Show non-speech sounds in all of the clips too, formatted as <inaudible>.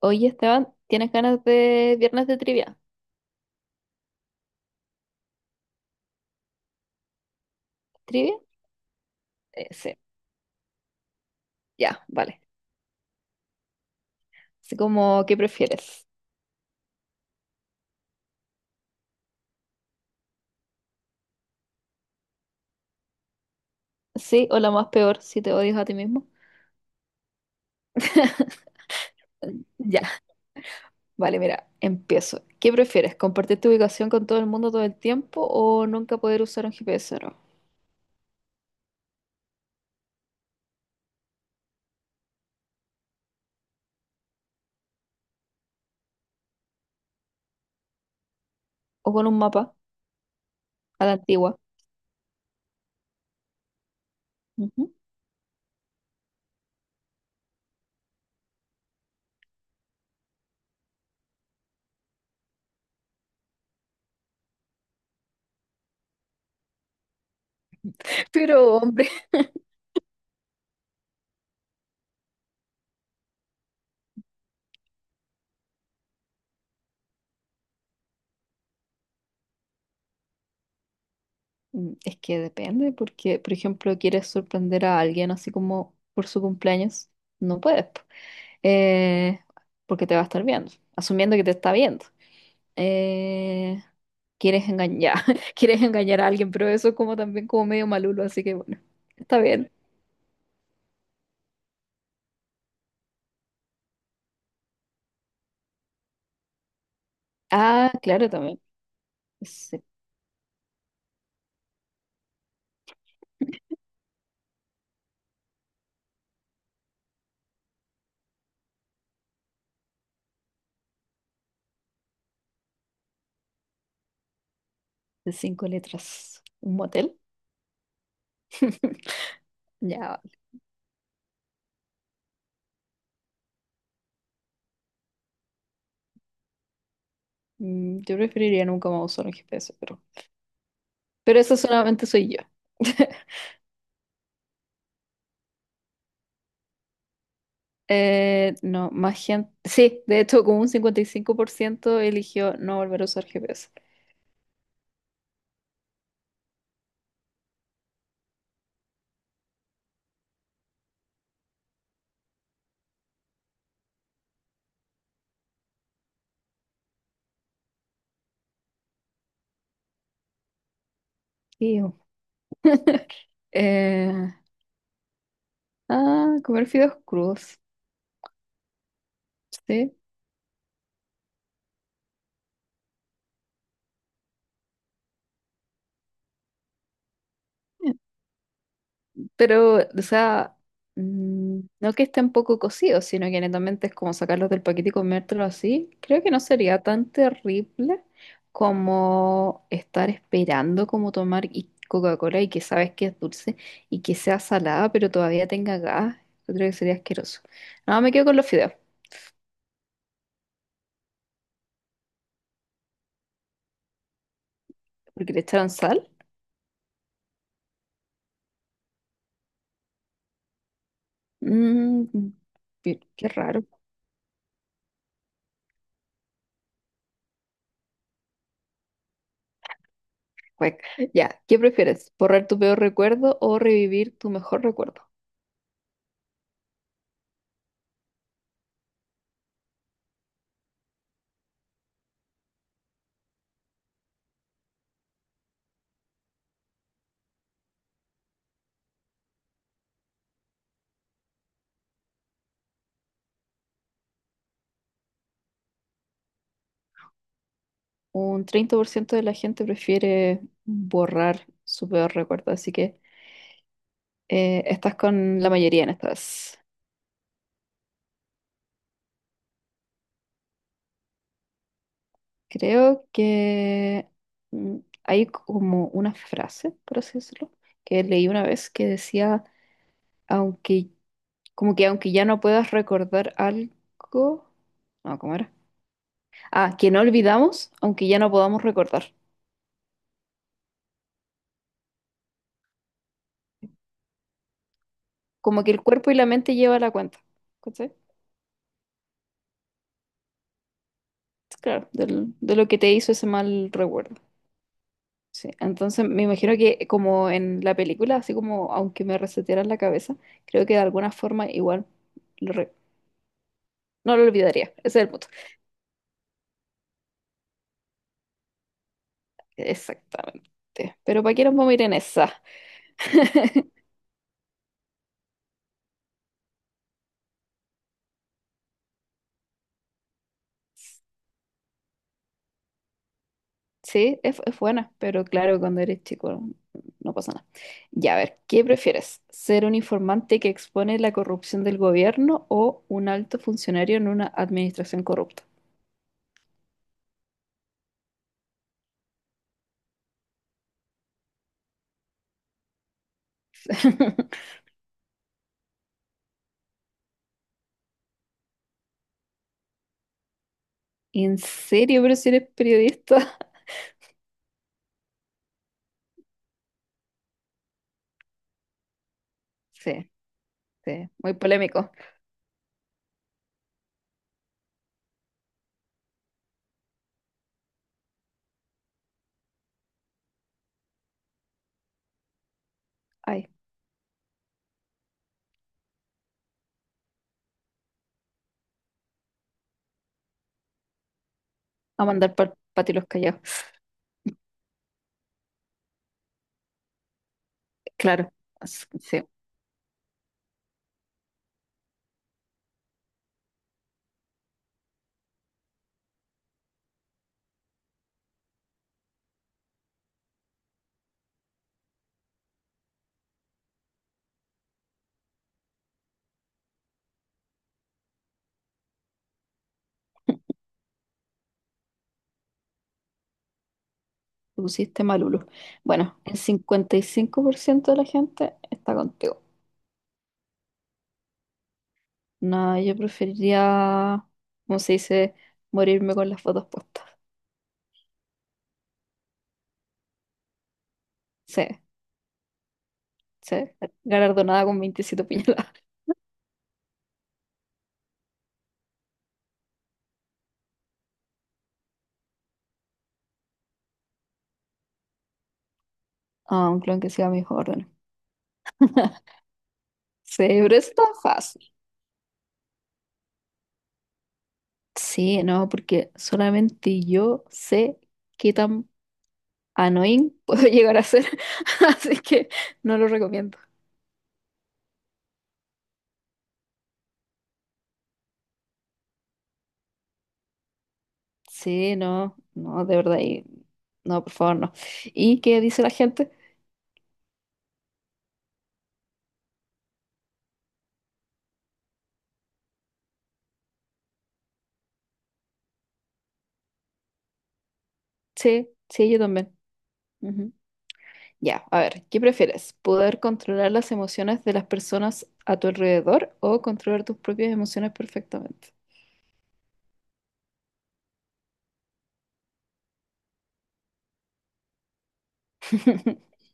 Oye, Esteban, ¿tienes ganas de viernes de trivia? ¿Trivia? Sí, ya, vale. Así como, ¿qué prefieres? Sí, o la más peor, si te odias a ti mismo. Eh, Ya, vale, mira, empiezo. ¿Qué prefieres? ¿Compartir tu ubicación con todo el mundo todo el tiempo o nunca poder usar un GPS, ¿no? O con un mapa a la antigua. Ujú. <laughs> Pero, hombre, Mm, es que depende, porque, por ejemplo, quieres sorprender a alguien así como por su cumpleaños, no puedes, po. Eh, Porque te va a estar viendo, asumiendo que te está viendo. eh, Quieres engañar, <laughs> quieres engañar a alguien, pero eso es como también como medio malulo, así que bueno, está bien. Ah, claro, también. Sí, de cinco letras. ¿Un motel? Ya, vale. Mm, yo preferiría nunca más usar un GPS, pero eso solamente soy yo. <laughs> No, más gente. Sí, de hecho, como un 55% eligió no volver a usar GPS. Iu. Eh, ah, comer fideos crudos. Sí. Pero, o sea, no que estén poco cocidos, sino que netamente es como sacarlos del paquete y comértelo así. Creo que no sería tan terrible como estar esperando como tomar y- Coca-Cola y que sabes que es dulce y que sea salada, pero todavía tenga gas. Yo creo que sería asqueroso. No, me quedo con los fideos, porque le echaron sal. Mm, qué raro. Cuec. Ya, ¿qué prefieres? ¿Borrar tu peor recuerdo o revivir tu mejor recuerdo? Un 30% de la gente prefiere borrar su peor recuerdo, así que estás con la mayoría en estas. Creo que mm, hay como una frase, por así decirlo, que leí una vez que decía, aunque, como que aunque ya no puedas recordar algo, no, ¿cómo era? Ah, que no olvidamos, aunque ya no podamos recordar. Como que el cuerpo y la mente llevan la cuenta, ¿cachai? Claro, del- de lo que te hizo ese mal recuerdo. Sí, entonces me imagino que como en la película, así como aunque me resetearan la cabeza, creo que de alguna forma igual lo re- no lo olvidaría. Ese es el punto. Exactamente. Pero ¿para qué nos vamos a ir en esa? Sí, es buena, pero claro, cuando eres chico no, no pasa nada. Ya, a ver, ¿qué prefieres? ¿Ser un informante que expone la corrupción del gobierno o un alto funcionario en una administración corrupta? <laughs> ¿En serio? ¿Pero si eres periodista? Sí, sí, muy polémico. Ay. A mandar para ti los callados. Claro, as- sí, te pusiste malulo. Bueno, el 55% de la gente está contigo. No, yo preferiría, como se dice, morirme con las fotos puestas. Sí, sí, galardonada con 27 puñaladas. <laughs> A un clon que siga mis órdenes. <laughs> Sí, pero eso está fácil. Sí, no, porque solamente yo sé qué tan annoying <laughs> puedo llegar a ser, <laughs> así que no lo recomiendo. Sí, no, no, de verdad, y- no, por favor, no. ¿Y qué dice la gente? Sí, sí, yo también. Ujú. Ya, a ver, ¿qué prefieres? ¿Poder controlar las emociones de las personas a tu alrededor o controlar tus propias emociones perfectamente? <laughs>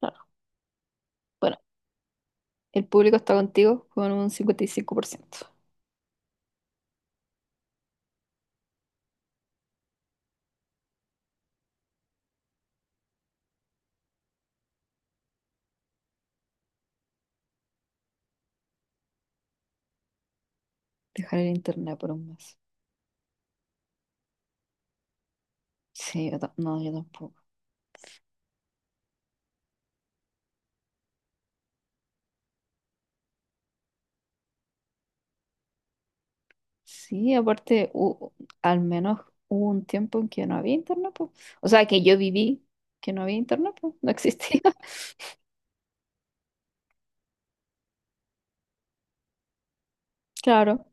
Claro. Bueno, el público está contigo con un 55%. Dejar el internet por 1 mes. Sí, yo ta- no, yo tampoco. Sí, aparte, hu- al menos hubo un tiempo en que no había internet, po. O sea, que yo viví que no había internet, po. No existía. <laughs> Claro,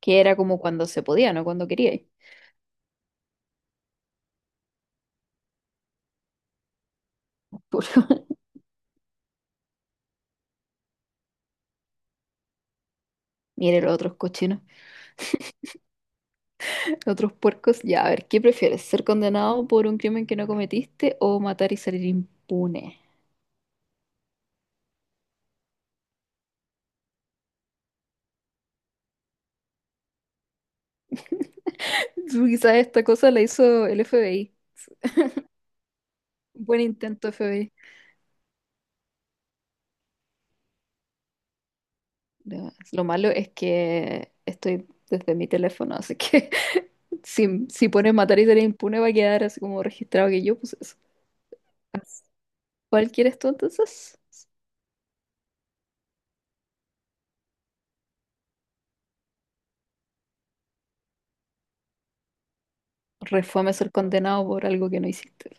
que era como cuando se podía, no cuando quería. Puro. <laughs> Mire los otros cochinos, los otros puercos. Ya, a ver, ¿qué prefieres? ¿Ser condenado por un crimen que no cometiste o matar y salir impune? <laughs> Tú, quizás esta cosa la hizo el FBI. Buen intento, FBI. Lo malo es que estoy desde mi teléfono, así que si, si pones matar y ser impune, va a quedar así como registrado que yo puse eso. Así. ¿Cuál quieres tú entonces? Refuame ser condenado por algo que no hiciste.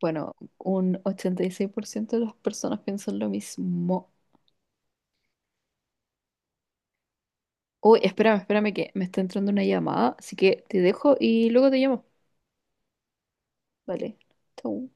Bueno, un 86% de las personas piensan lo mismo. Uy, espérame, espérame que me está entrando una llamada, así que te dejo y luego te llamo. Vale, chau.